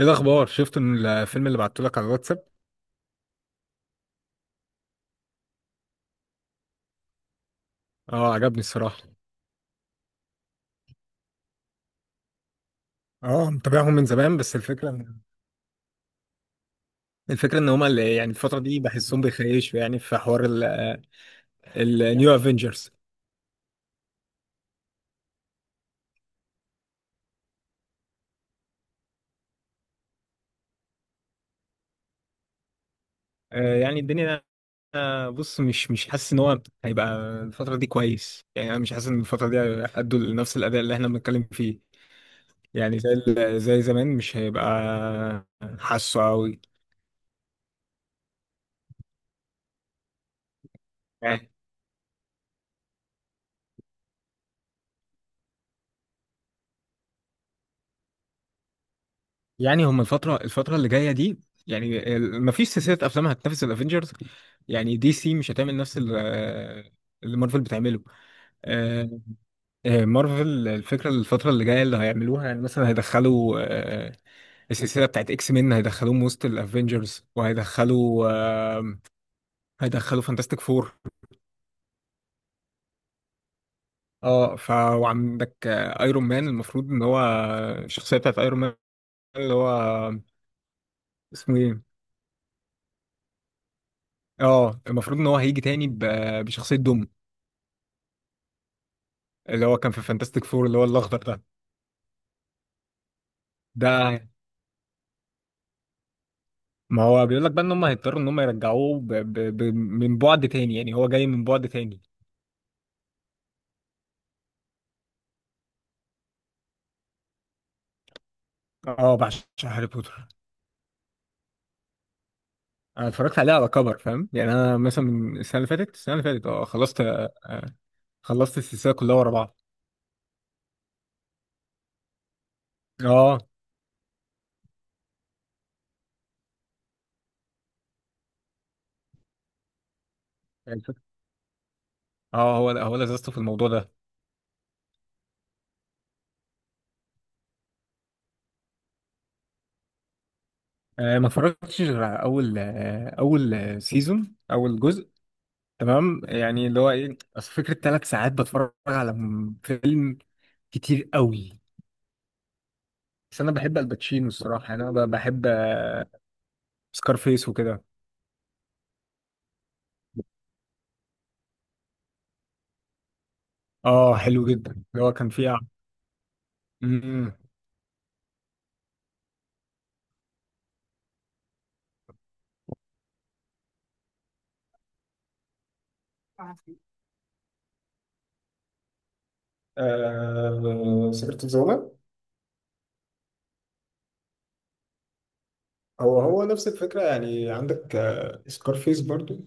ايه الاخبار؟ شفت إن الفيلم اللي بعته لك على الواتساب. اه، عجبني الصراحه. اه متابعهم من زمان، بس الفكره ان هما اللي يعني الفتره دي بحسهم بيخيشوا، يعني في حوار النيو افنجرز. يعني الدنيا بص، مش حاسس ان هو هيبقى الفتره دي كويس. يعني انا مش حاسس ان الفتره دي هيأدوا لنفس الاداء اللي احنا بنتكلم فيه. يعني زي زمان مش هيبقى حاسه قوي. يعني هما الفتره اللي جايه دي، يعني ما فيش سلسله افلام هتنافس الافنجرز. يعني دي سي مش هتعمل نفس اللي مارفل بتعمله. آه، مارفل الفكرة الفترة اللي جاية اللي هيعملوها، يعني مثلا هيدخلوا السلسلة بتاعت اكس مين هيدخلوهم وسط الافينجرز، وهيدخلوا آه، هيدخلوا فانتاستيك فور. اه ف وعندك ايرون مان، المفروض ان هو الشخصية بتاعت ايرون مان اللي هو اسمه ايه؟ اه المفروض ان هو هيجي تاني بشخصية دوم، اللي هو كان في فانتاستيك فور اللي هو الاخضر ده. ده ما هو بيقول لك بقى ان هم هيضطروا ان هم يرجعوه من بعد تاني، يعني هو جاي من بعد تاني. اه بعشق هاري بوتر. انا اتفرجت عليه على كبر، فاهم؟ يعني انا مثلا من السنه اللي فاتت، السنه اللي فاتت اه خلصت خلصت السلسله كلها ورا بعض. اه الفكرة- اه هو هو لذته في الموضوع ده. ما اتفرجتش غير على اول آه، سيزون اول جزء. تمام، يعني اللي هو ايه؟ اصل فكره ثلاث ساعات بتفرج على فيلم، كتير قوي. بس انا بحب الباتشينو الصراحه، يعني انا بحب سكارفيس وكده. اه حلو جدا اللي هو كان فيه. امم، آه سكرة الزومة. هو هو نفس الفكرة، يعني عندك آه سكارفيس برضو.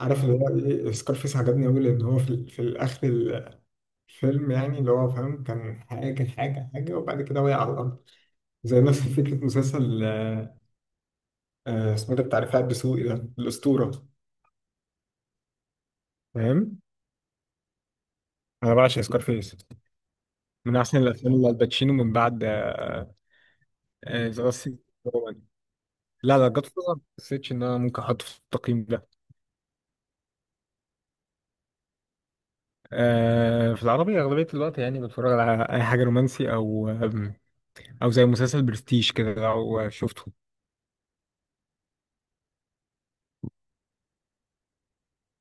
عارف اللي هو ايه؟ سكارفيس عجبني أوي، لأن هو في، في الآخر الفيلم، يعني اللي هو فاهم كان حاجة حاجة وبعد كده وقع على الأرض. زي نفس فكرة مسلسل اسمه ده بتاع رفاعي الدسوقي ده، الأسطورة. فاهم. انا بعشق سكارفيس. من احسن الافلام اللي الباتشينو من بعد ذا آه آه، The Last Kingdom. لا لا، جاد فازر ما حسيتش ان انا ممكن احطه في التقييم ده. آه، في العربي اغلبيه الوقت يعني بتفرج على اي حاجه رومانسي، او او زي مسلسل برستيج كده لو شفته.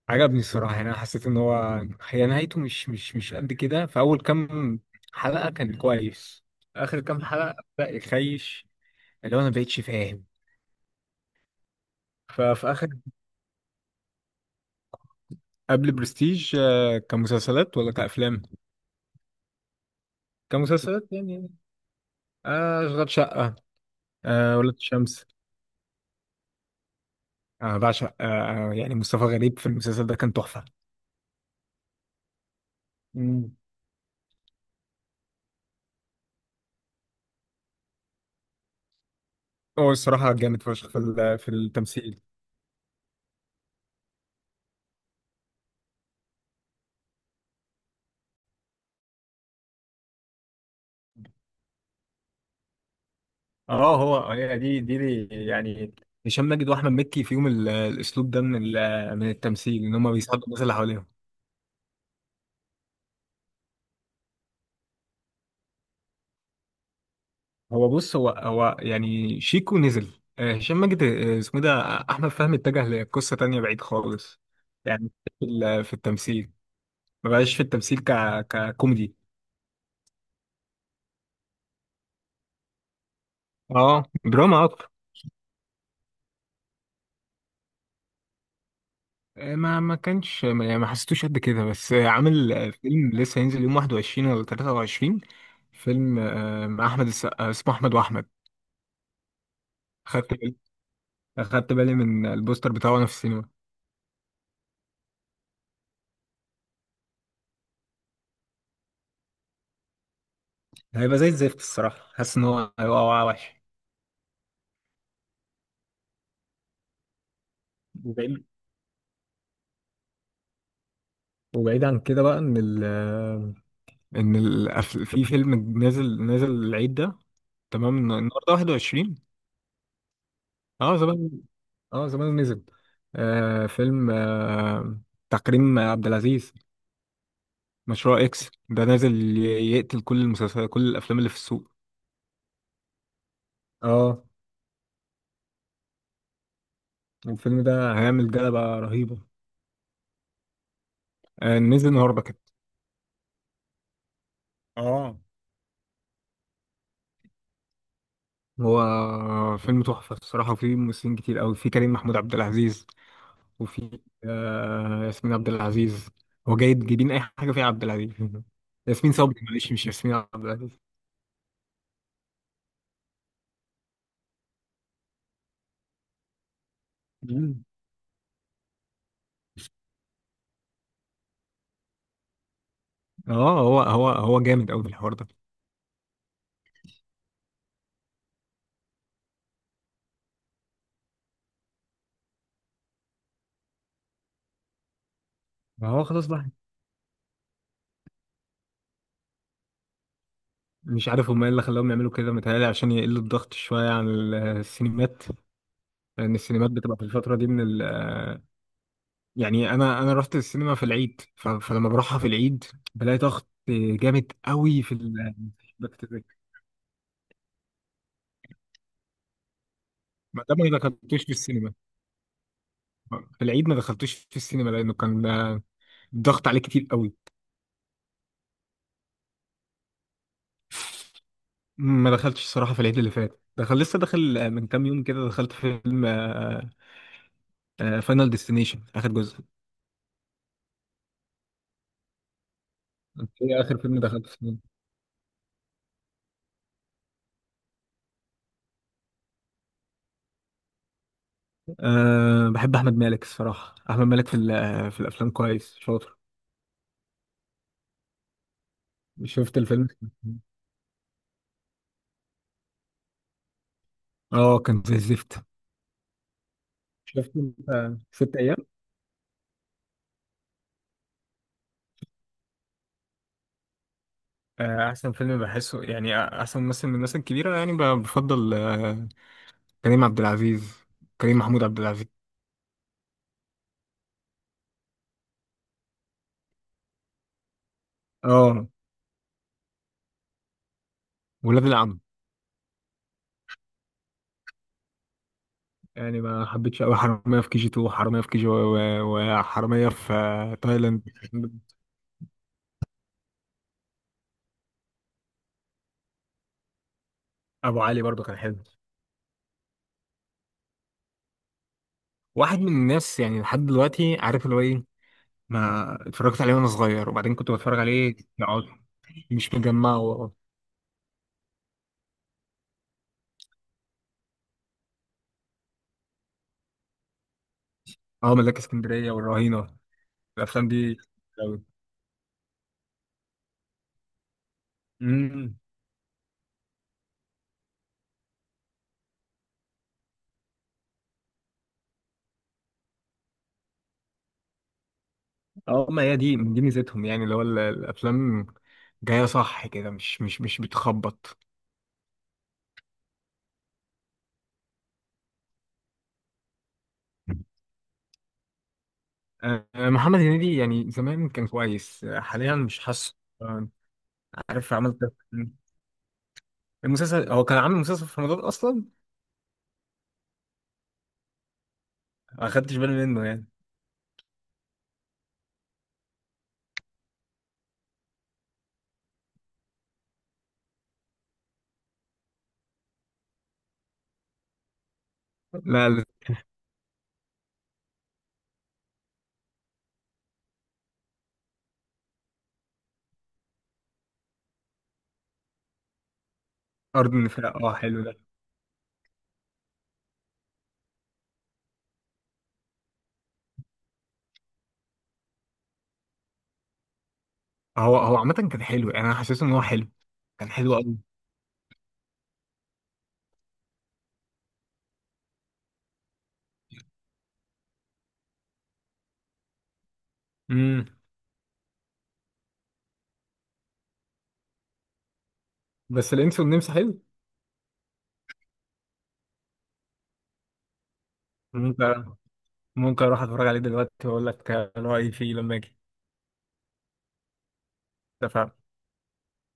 عجبني الصراحه، يعني انا حسيت ان هو هي نهايته مش قد كده. في اول كام حلقه كان كويس، اخر كام حلقه بدا يخيش، اللي هو انا مبقتش فاهم ففي اخر. قبل برستيج؟ آه، كمسلسلات ولا كافلام؟ كمسلسلات يعني. آه اشغال شقه، آه ولاد الشمس. انا بعشق يعني مصطفى غريب في المسلسل ده كان تحفه. مم. هو الصراحه جامد فشخ في في التمثيل. اه هو هي دي يعني هشام ماجد واحمد مكي فيهم الاسلوب ده من من التمثيل، ان هم بيساعدوا الناس اللي حواليهم. هو بص، هو يعني شيكو نزل. هشام ماجد، اسمه إيه ده، احمد فهمي اتجه لقصه تانية بعيد خالص. يعني في التمثيل، ما بقاش في التمثيل ك ككوميدي. اه دراما اكتر. ما ما كانش يعني ما حسيتوش قد كده، بس عامل فيلم لسه هينزل يوم 21 ولا 23، فيلم مع احمد السقا اسمه احمد واحمد. خدت بالي، خدت بالي من البوستر بتاعه وانا في السينما. هيبقى زي الزفت الصراحه، حاسس ان هو هيبقى وقع وحش وبعيد. وبعيد عن كده بقى، ان ال ان ال في فيلم نازل العيد ده. تمام، النهارده 21. اه زمان، اه زمان نزل آه فيلم آه تكريم عبد العزيز. مشروع اكس ده نازل يقتل كل المسلسلات كل الافلام اللي في السوق. اه الفيلم ده هيعمل جلبة رهيبة. نزل النهارده كده. اه. هو فيلم تحفة الصراحة، وفيه ممثلين كتير أوي. في كريم محمود عبد العزيز، وفي ياسمين عبد العزيز. هو جاي جايبين أي حاجة فيها عبد العزيز ياسمين صبري، معلش، مش ياسمين عبد العزيز. مم. اه هو جامد أوي في الحوار ده. ما هو خلاص بقى. مش عارف هما ايه اللي خلاهم يعملوا كده، متهيألي عشان يقلوا الضغط شوية عن السينمات. لان السينمات بتبقى في الفتره دي من ال آه، يعني انا رحت السينما في العيد، فلما بروحها في العيد بلاقي ضغط جامد قوي بكتيريا. ما دام ما دخلتوش في السينما في العيد، ما دخلتوش في السينما لانه كان الضغط عليه كتير قوي. ما دخلتش الصراحه في العيد اللي فات. دخل لسه داخل من كام يوم كده، دخلت فيلم فاينل ديستنيشن اخر جزء. أنت ايه اخر فيلم دخلت السينما؟ أه بحب احمد مالك الصراحه، احمد مالك في في الافلام كويس شاطر. شفت الفيلم؟ اه كان زي الزفت. شفت انت ست ايام؟ احسن فيلم بحسه، يعني احسن ممثل من الناس الكبيره يعني بفضل كريم عبد العزيز، كريم محمود عبد العزيز. اه ولاد العم. يعني ما حبيتش قوي حراميه في كي جي 2، وحراميه في كي جي، وحراميه في تايلاند. ابو علي برضو كان حلو. واحد من الناس، يعني لحد دلوقتي عارف اللي هو ايه، ما اتفرجت عليه وانا صغير وبعدين كنت بتفرج عليه يعني، مش مجمع. اه ملاك اسكندريه والرهينه، الافلام دي. امم. اه ما هي دي ميزتهم، يعني اللي هو الافلام جايه صح كده، مش بتخبط. محمد هنيدي يعني زمان كان كويس، حاليا مش حاسه. آه، عارف عملت المسلسل، هو كان عامل مسلسل في رمضان اصلا. ما خدتش بالي منه يعني. لا. الارض النفاق اه حلو ده. هو هو عامه كان حلو، يعني انا حسيت ان هو حلو، كان حلو قوي. امم. بس الانس والنمس حلو. ممكن، ممكن اروح اتفرج عليه دلوقتي واقول لك رايي فيه لما اجي. اتفقنا.